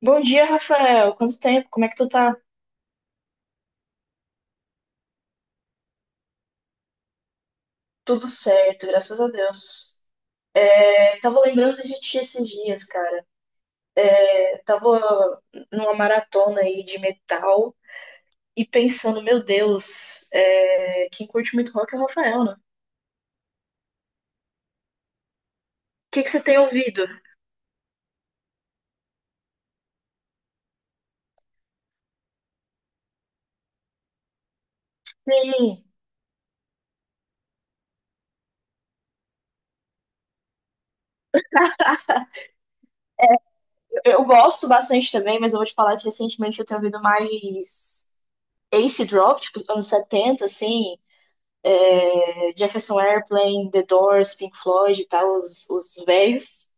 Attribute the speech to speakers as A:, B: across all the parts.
A: Bom dia, Rafael. Quanto tempo? Como é que tu tá? Tudo certo, graças a Deus. Tava lembrando de ti esses dias, cara. Tava numa maratona aí de metal e pensando, meu Deus, quem curte muito rock é o Rafael, né? O que que você tem ouvido? Sim, eu gosto bastante também, mas eu vou te falar que recentemente eu tenho ouvido mais acid rock, tipo, os anos 70, assim, Jefferson Airplane, The Doors, Pink Floyd e tal, os velhos.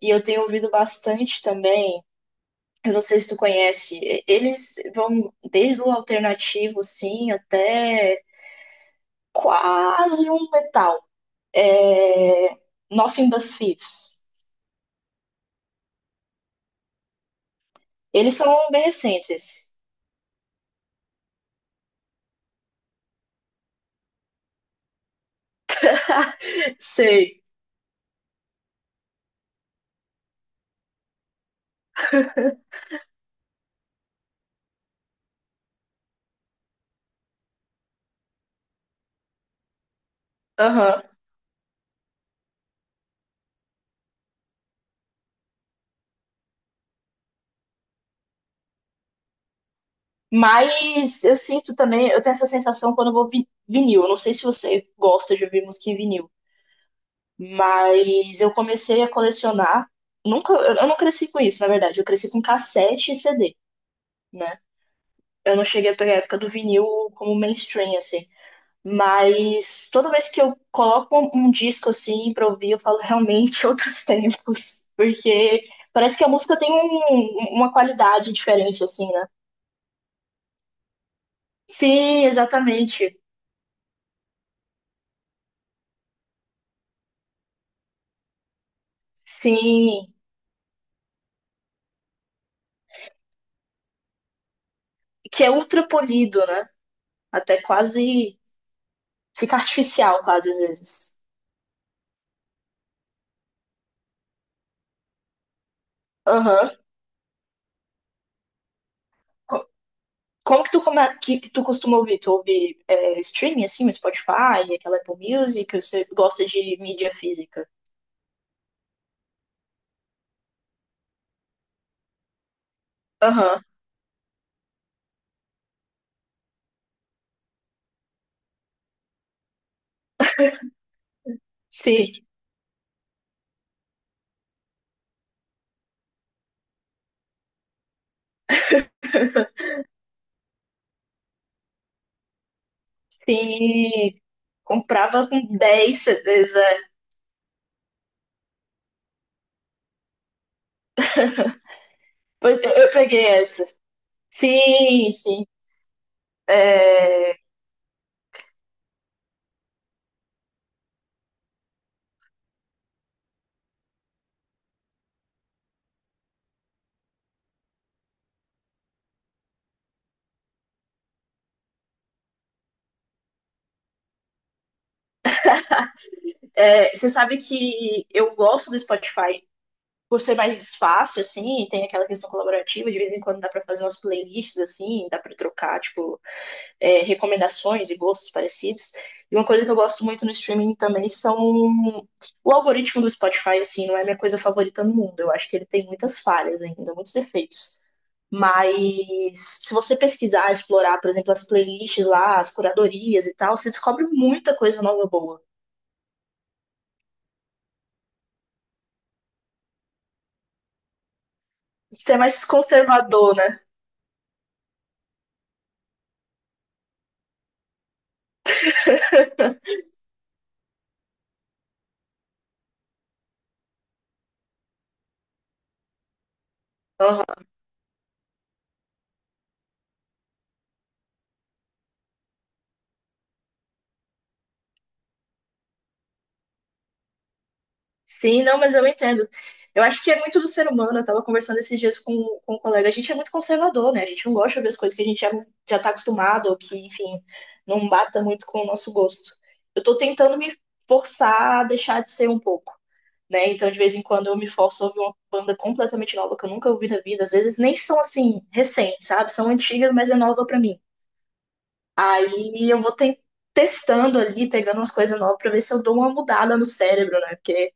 A: E eu tenho ouvido bastante também. Eu não sei se tu conhece. Eles vão desde o alternativo, sim, até quase um metal. É... Nothing But Thieves. Eles são bem recentes, esses. Sei. Aham. Mas eu sinto também, eu tenho essa sensação quando eu vou vi vinil. Eu não sei se você gosta de ouvir música em vinil. Mas eu comecei a colecionar. Nunca, eu não cresci com isso, na verdade. Eu cresci com cassete e CD, né? Eu não cheguei a pegar a época do vinil como mainstream, assim. Mas toda vez que eu coloco um disco assim pra ouvir, eu falo realmente outros tempos. Porque parece que a música tem uma qualidade diferente, assim, né? Sim, exatamente. Sim. Que é ultra polido, né? Até quase fica artificial, quase às vezes. Aham. Como que que tu costuma ouvir? Tu ouve streaming, assim, no Spotify, aquela Apple Music? Ou você gosta de mídia física? Aham. Sim, sim. Comprava com 10 CDs, é. Pois eu peguei essa. Sim, sim. É, você sabe que eu gosto do Spotify por ser mais fácil, assim, e tem aquela questão colaborativa, de vez em quando dá pra fazer umas playlists, assim, dá pra trocar, tipo, recomendações e gostos parecidos. E uma coisa que eu gosto muito no streaming também são o algoritmo do Spotify, assim, não é minha coisa favorita no mundo. Eu acho que ele tem muitas falhas ainda, muitos defeitos. Mas se você pesquisar, explorar, por exemplo, as playlists lá, as curadorias e tal, você descobre muita coisa nova boa. Você é mais conservador, né? Uhum. Sim, não, mas eu entendo. Eu acho que é muito do ser humano. Eu estava conversando esses dias com um colega. A gente é muito conservador, né? A gente não gosta de ver as coisas que já tá acostumado ou que, enfim, não bata muito com o nosso gosto. Eu tô tentando me forçar a deixar de ser um pouco, né? Então, de vez em quando, eu me forço a ouvir uma banda completamente nova que eu nunca ouvi na vida. Às vezes nem são assim, recentes, sabe? São antigas, mas é nova pra mim. Aí eu vou ten- Testando ali, pegando umas coisas novas pra ver se eu dou uma mudada no cérebro, né? Porque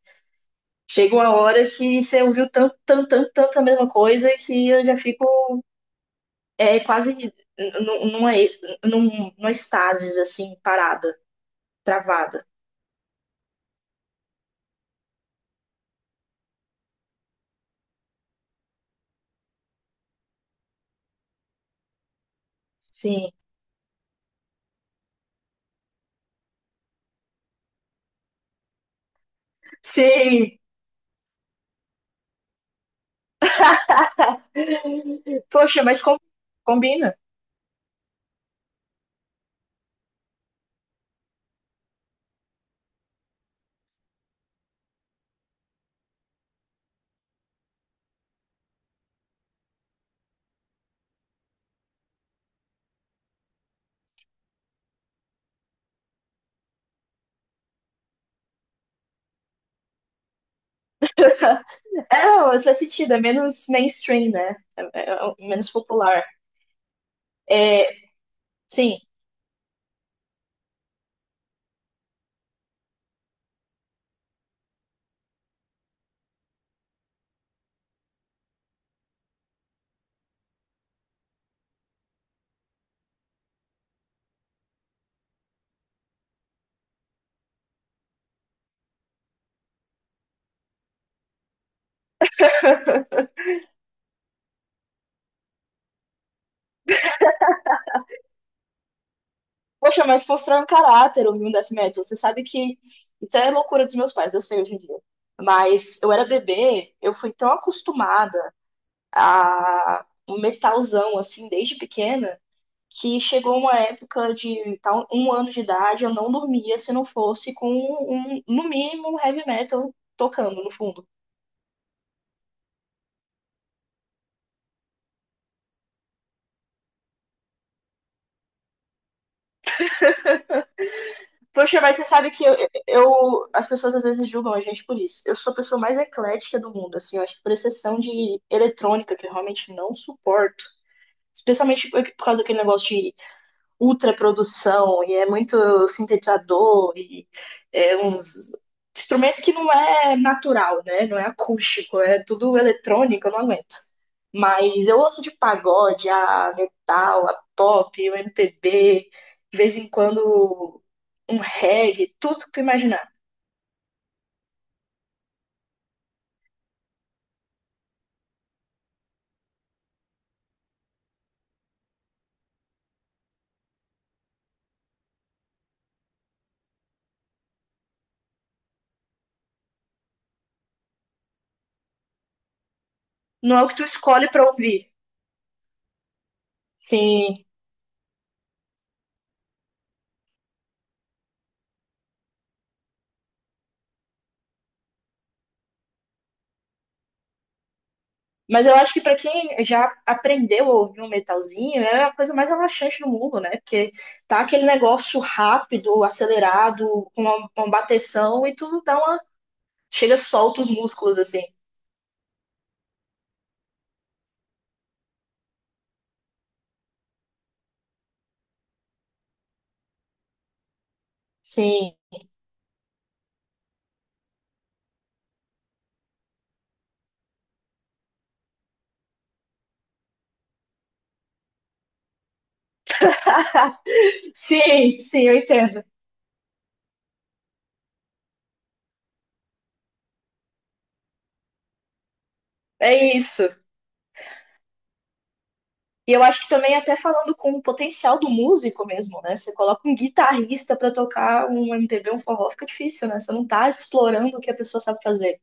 A: chega uma hora que você ouviu tanto, tanto, tanto, tanto a mesma coisa que eu já fico quase numa estasis, assim, parada, travada. Sim. Sim. Poxa, mas combina. É, faz sentido, é menos mainstream, né? É menos popular. É, sim. Poxa, mas constrói um caráter ouvir um death metal. Você sabe que isso é loucura dos meus pais, eu sei hoje em dia. Mas eu era bebê, eu fui tão acostumada a um metalzão, assim, desde pequena, que chegou uma época de tal, um ano de idade, eu não dormia se não fosse com, um, no mínimo, um heavy metal tocando no fundo. Poxa, mas você sabe que as pessoas às vezes julgam a gente por isso. Eu sou a pessoa mais eclética do mundo, assim, eu acho que por exceção de eletrônica, que eu realmente não suporto. Especialmente por causa daquele negócio de ultra produção e é muito sintetizador e é uns instrumento que não é natural, né? Não é acústico, é tudo eletrônico, eu não aguento. Mas eu ouço de pagode, a metal, a pop, o MPB, de vez em quando um reggae, tudo que tu imaginar. Não é o que tu escolhe pra ouvir. Sim, mas eu acho que pra quem já aprendeu a ouvir um metalzinho, é a coisa mais relaxante do mundo, né? Porque tá aquele negócio rápido, acelerado, com uma bateção e tudo dá uma. Chega, solta os músculos assim. Sim. Sim, sim, eu entendo. É isso. E eu acho que também até falando com o potencial do músico mesmo, né? Você coloca um guitarrista pra tocar um MPB, um forró, fica difícil, né? Você não tá explorando o que a pessoa sabe fazer.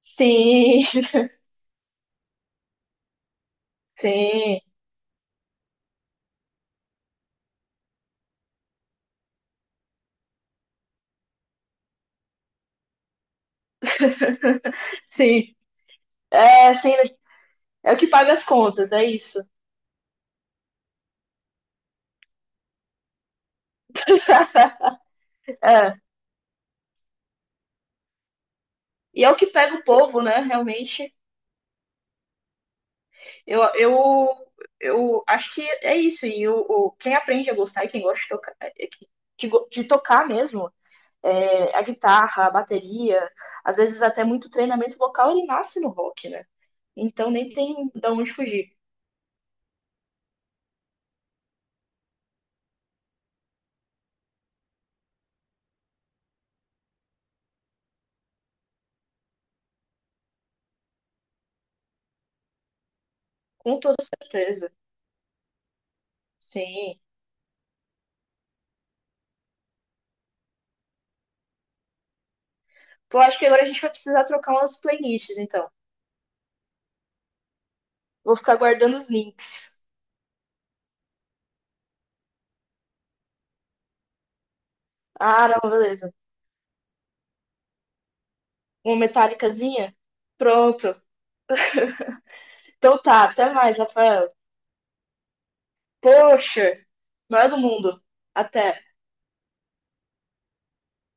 A: Sim, sim, sim. É, assim, é o que paga as contas, é isso. É. E é o que pega o povo, né? Realmente, eu, eu, eu acho que é isso. E quem aprende a gostar e quem gosta de tocar, de tocar mesmo, a guitarra, a bateria, às vezes até muito treinamento vocal, ele nasce no rock, né? Então nem tem de onde fugir. Com toda certeza. Sim. Pô, acho que agora a gente vai precisar trocar umas playlists, então. Vou ficar guardando os links. Ah, não, beleza. Uma metálicazinha? Pronto. Então tá, até mais, Rafael. Poxa, maior do mundo. Até.